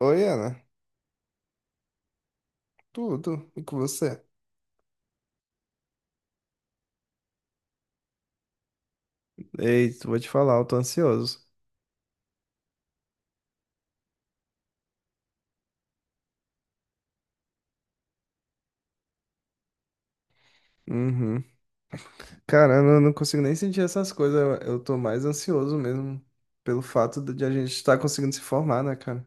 Oi, Ana. Tudo. E com você? Ei, vou te falar, eu tô ansioso. Uhum. Cara, eu não consigo nem sentir essas coisas. Eu tô mais ansioso mesmo pelo fato de a gente estar conseguindo se formar, né, cara?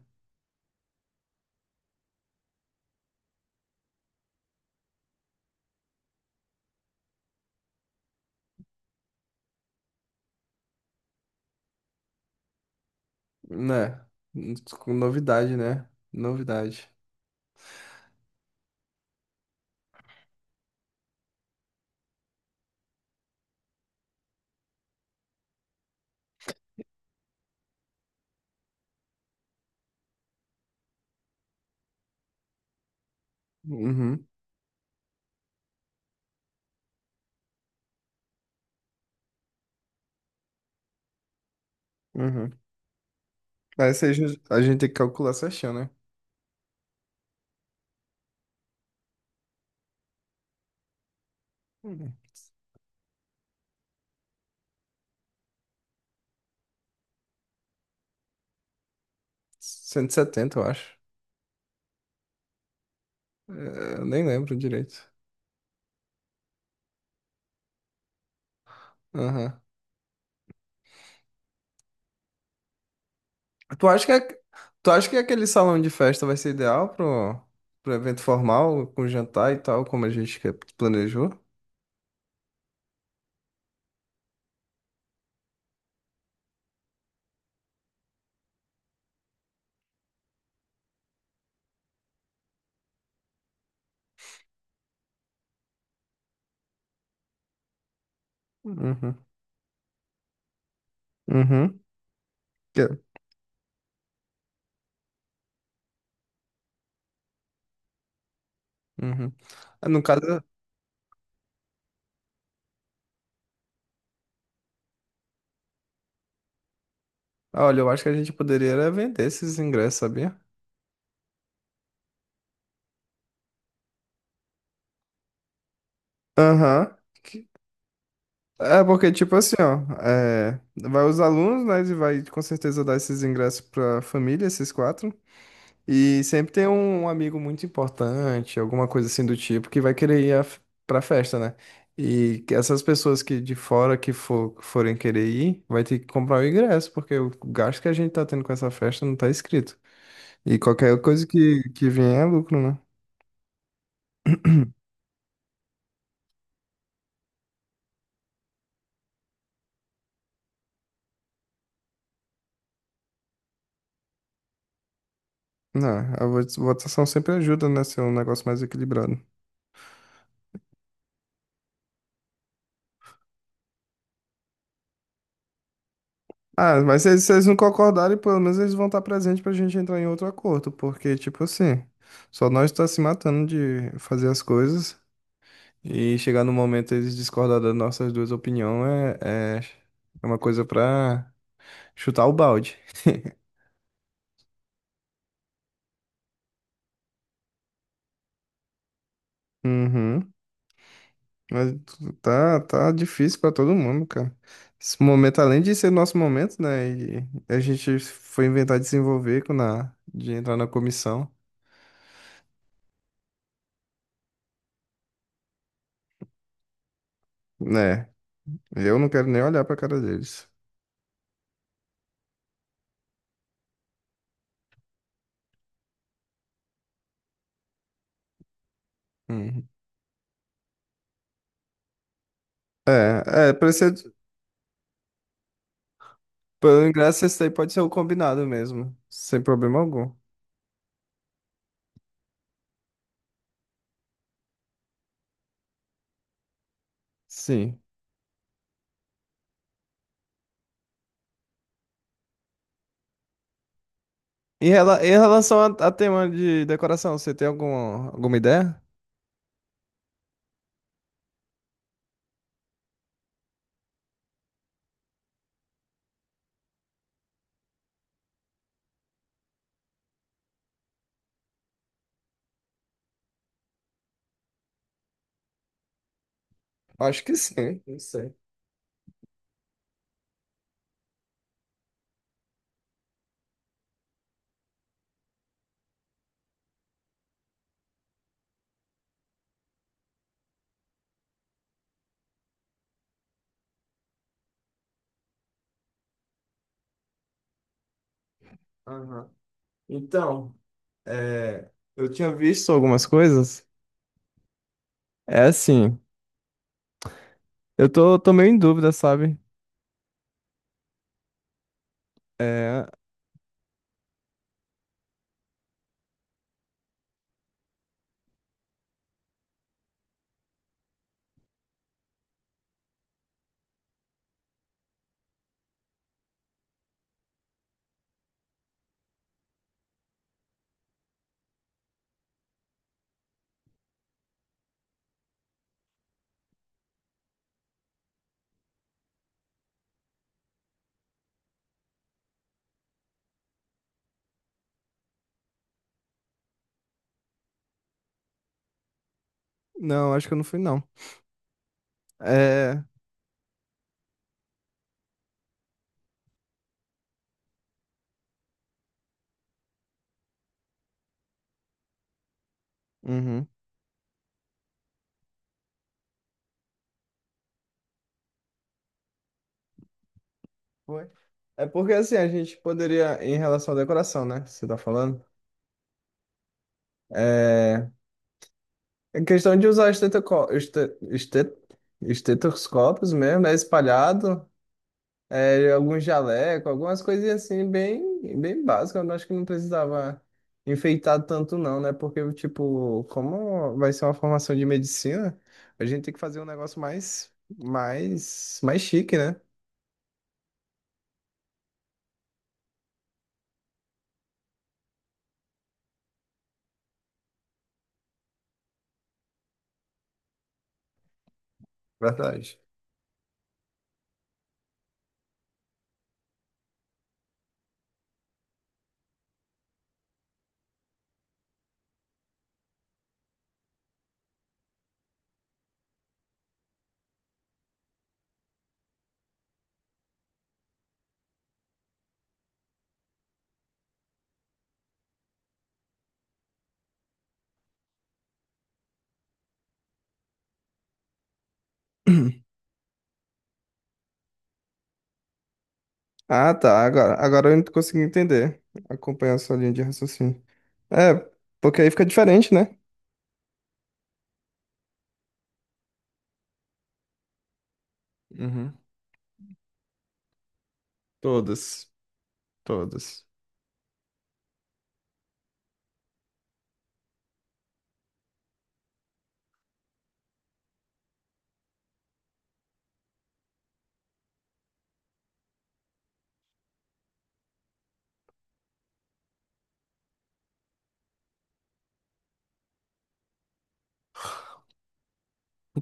Né? Com novidade, né? Novidade. Uhum, uhum. Aí você, a gente tem que calcular certinho, né? Uhum. 170, eu acho. É, eu nem lembro direito. Aham. Tu acha que, é- tu acha que aquele salão de festa vai ser ideal pro, pro evento formal, com jantar e tal, como a gente planejou? Uhum. Uhum. Que. Uhum. Ah, no caso, olha, eu acho que a gente poderia era vender esses ingressos, sabia? Aham. Que. É porque, tipo assim, ó, é, vai os alunos, né, e vai com certeza dar esses ingressos pra família, esses quatro. E sempre tem um amigo muito importante, alguma coisa assim do tipo, que vai querer pra festa, né? E que essas pessoas que de fora que forem querer ir, vai ter que comprar o ingresso, porque o gasto que a gente tá tendo com essa festa não tá escrito. E qualquer coisa que vier é lucro, né? Não, a votação sempre ajuda, né? Ser um negócio mais equilibrado. Ah, mas se eles não concordarem, pelo menos eles vão estar presentes pra gente entrar em outro acordo, porque, tipo assim, só nós tá se matando de fazer as coisas. E chegar no momento eles discordar das nossas duas opiniões é uma coisa pra chutar o balde. Uhum. Mas tá, tá difícil pra todo mundo, cara. Esse momento, além de ser nosso momento, né? E a gente foi inventar de se envolver de entrar na comissão. Né? Eu não quero nem olhar pra cara deles. Uhum. Pra ser, pra ingresso, esse daí pode ser o combinado mesmo. Sem problema algum. Sim. Em em relação a tema de decoração, você tem alguma ideia? Acho que sim, não sei. Aham. Então, é, eu tinha visto algumas coisas. É assim, tô meio em dúvida, sabe? É, não, acho que eu não fui, não. É, uhum. Foi. É porque assim, a gente poderia, em relação à decoração, né? Que você tá falando. É, é questão de usar estetoscópios mesmo, né? Espalhado. É, algum jaleco, algumas coisinhas assim, bem, bem básicas. Eu acho que não precisava enfeitar tanto, não, né? Porque, tipo, como vai ser uma formação de medicina, a gente tem que fazer um negócio mais chique, né? Verdade. Ah, tá. Agora eu não consegui entender. Acompanhar a sua linha de raciocínio. É, porque aí fica diferente, né? Uhum. Todas. Todas.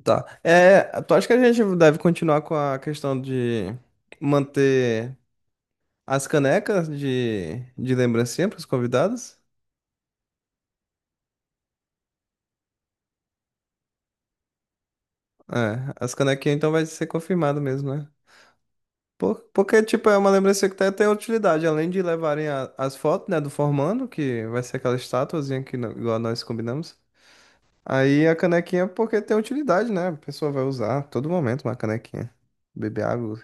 Tá. É, tu acha que a gente deve continuar com a questão de manter. As canecas de lembrancinha para os convidados? É, as canequinhas então vai ser confirmado mesmo, né? Porque, tipo, é uma lembrancinha que até tem utilidade, além de levarem as fotos, né, do formando, que vai ser aquela estatuazinha que no- igual nós combinamos. Aí a canequinha, porque tem utilidade, né? A pessoa vai usar a todo momento uma canequinha. Beber água.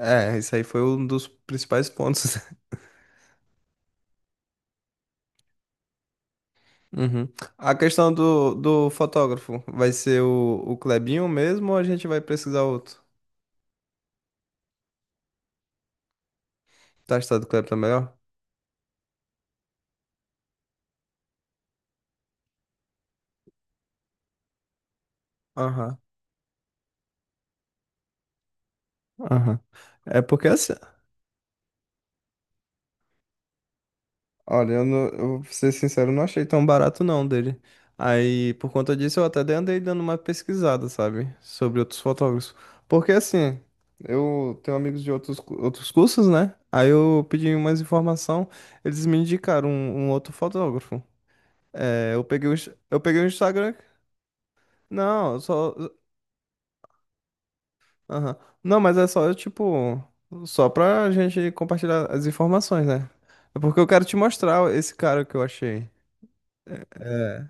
É, isso aí foi um dos principais pontos. Uhum. A questão do, do fotógrafo, vai ser o Clebinho mesmo ou a gente vai precisar outro? Tá estado claro, tá melhor? Aham, aham. É porque assim, olha, eu, não, eu vou ser sincero, eu não achei tão barato não dele. Aí, por conta disso, eu até andei dando uma pesquisada, sabe? Sobre outros fotógrafos. Porque assim, eu tenho amigos de outros, outros cursos, né? Aí eu pedi umas informação, eles me indicaram um outro fotógrafo. É, eu peguei eu peguei o Instagram. Não, só. Aham. Não, mas é só, tipo, só pra gente compartilhar as informações, né? É porque eu quero te mostrar esse cara que eu achei. É.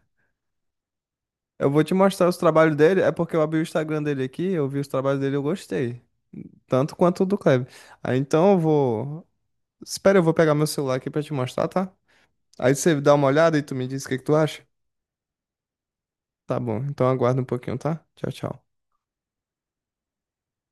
Eu vou te mostrar os trabalhos dele, é porque eu abri o Instagram dele aqui, eu vi os trabalhos dele e eu gostei. Tanto quanto o do Kleber. Aí então eu vou. Espera, eu vou pegar meu celular aqui pra te mostrar, tá? Aí você dá uma olhada e tu me diz o que que tu acha? Tá bom, então aguarda um pouquinho, tá? Tchau, tchau.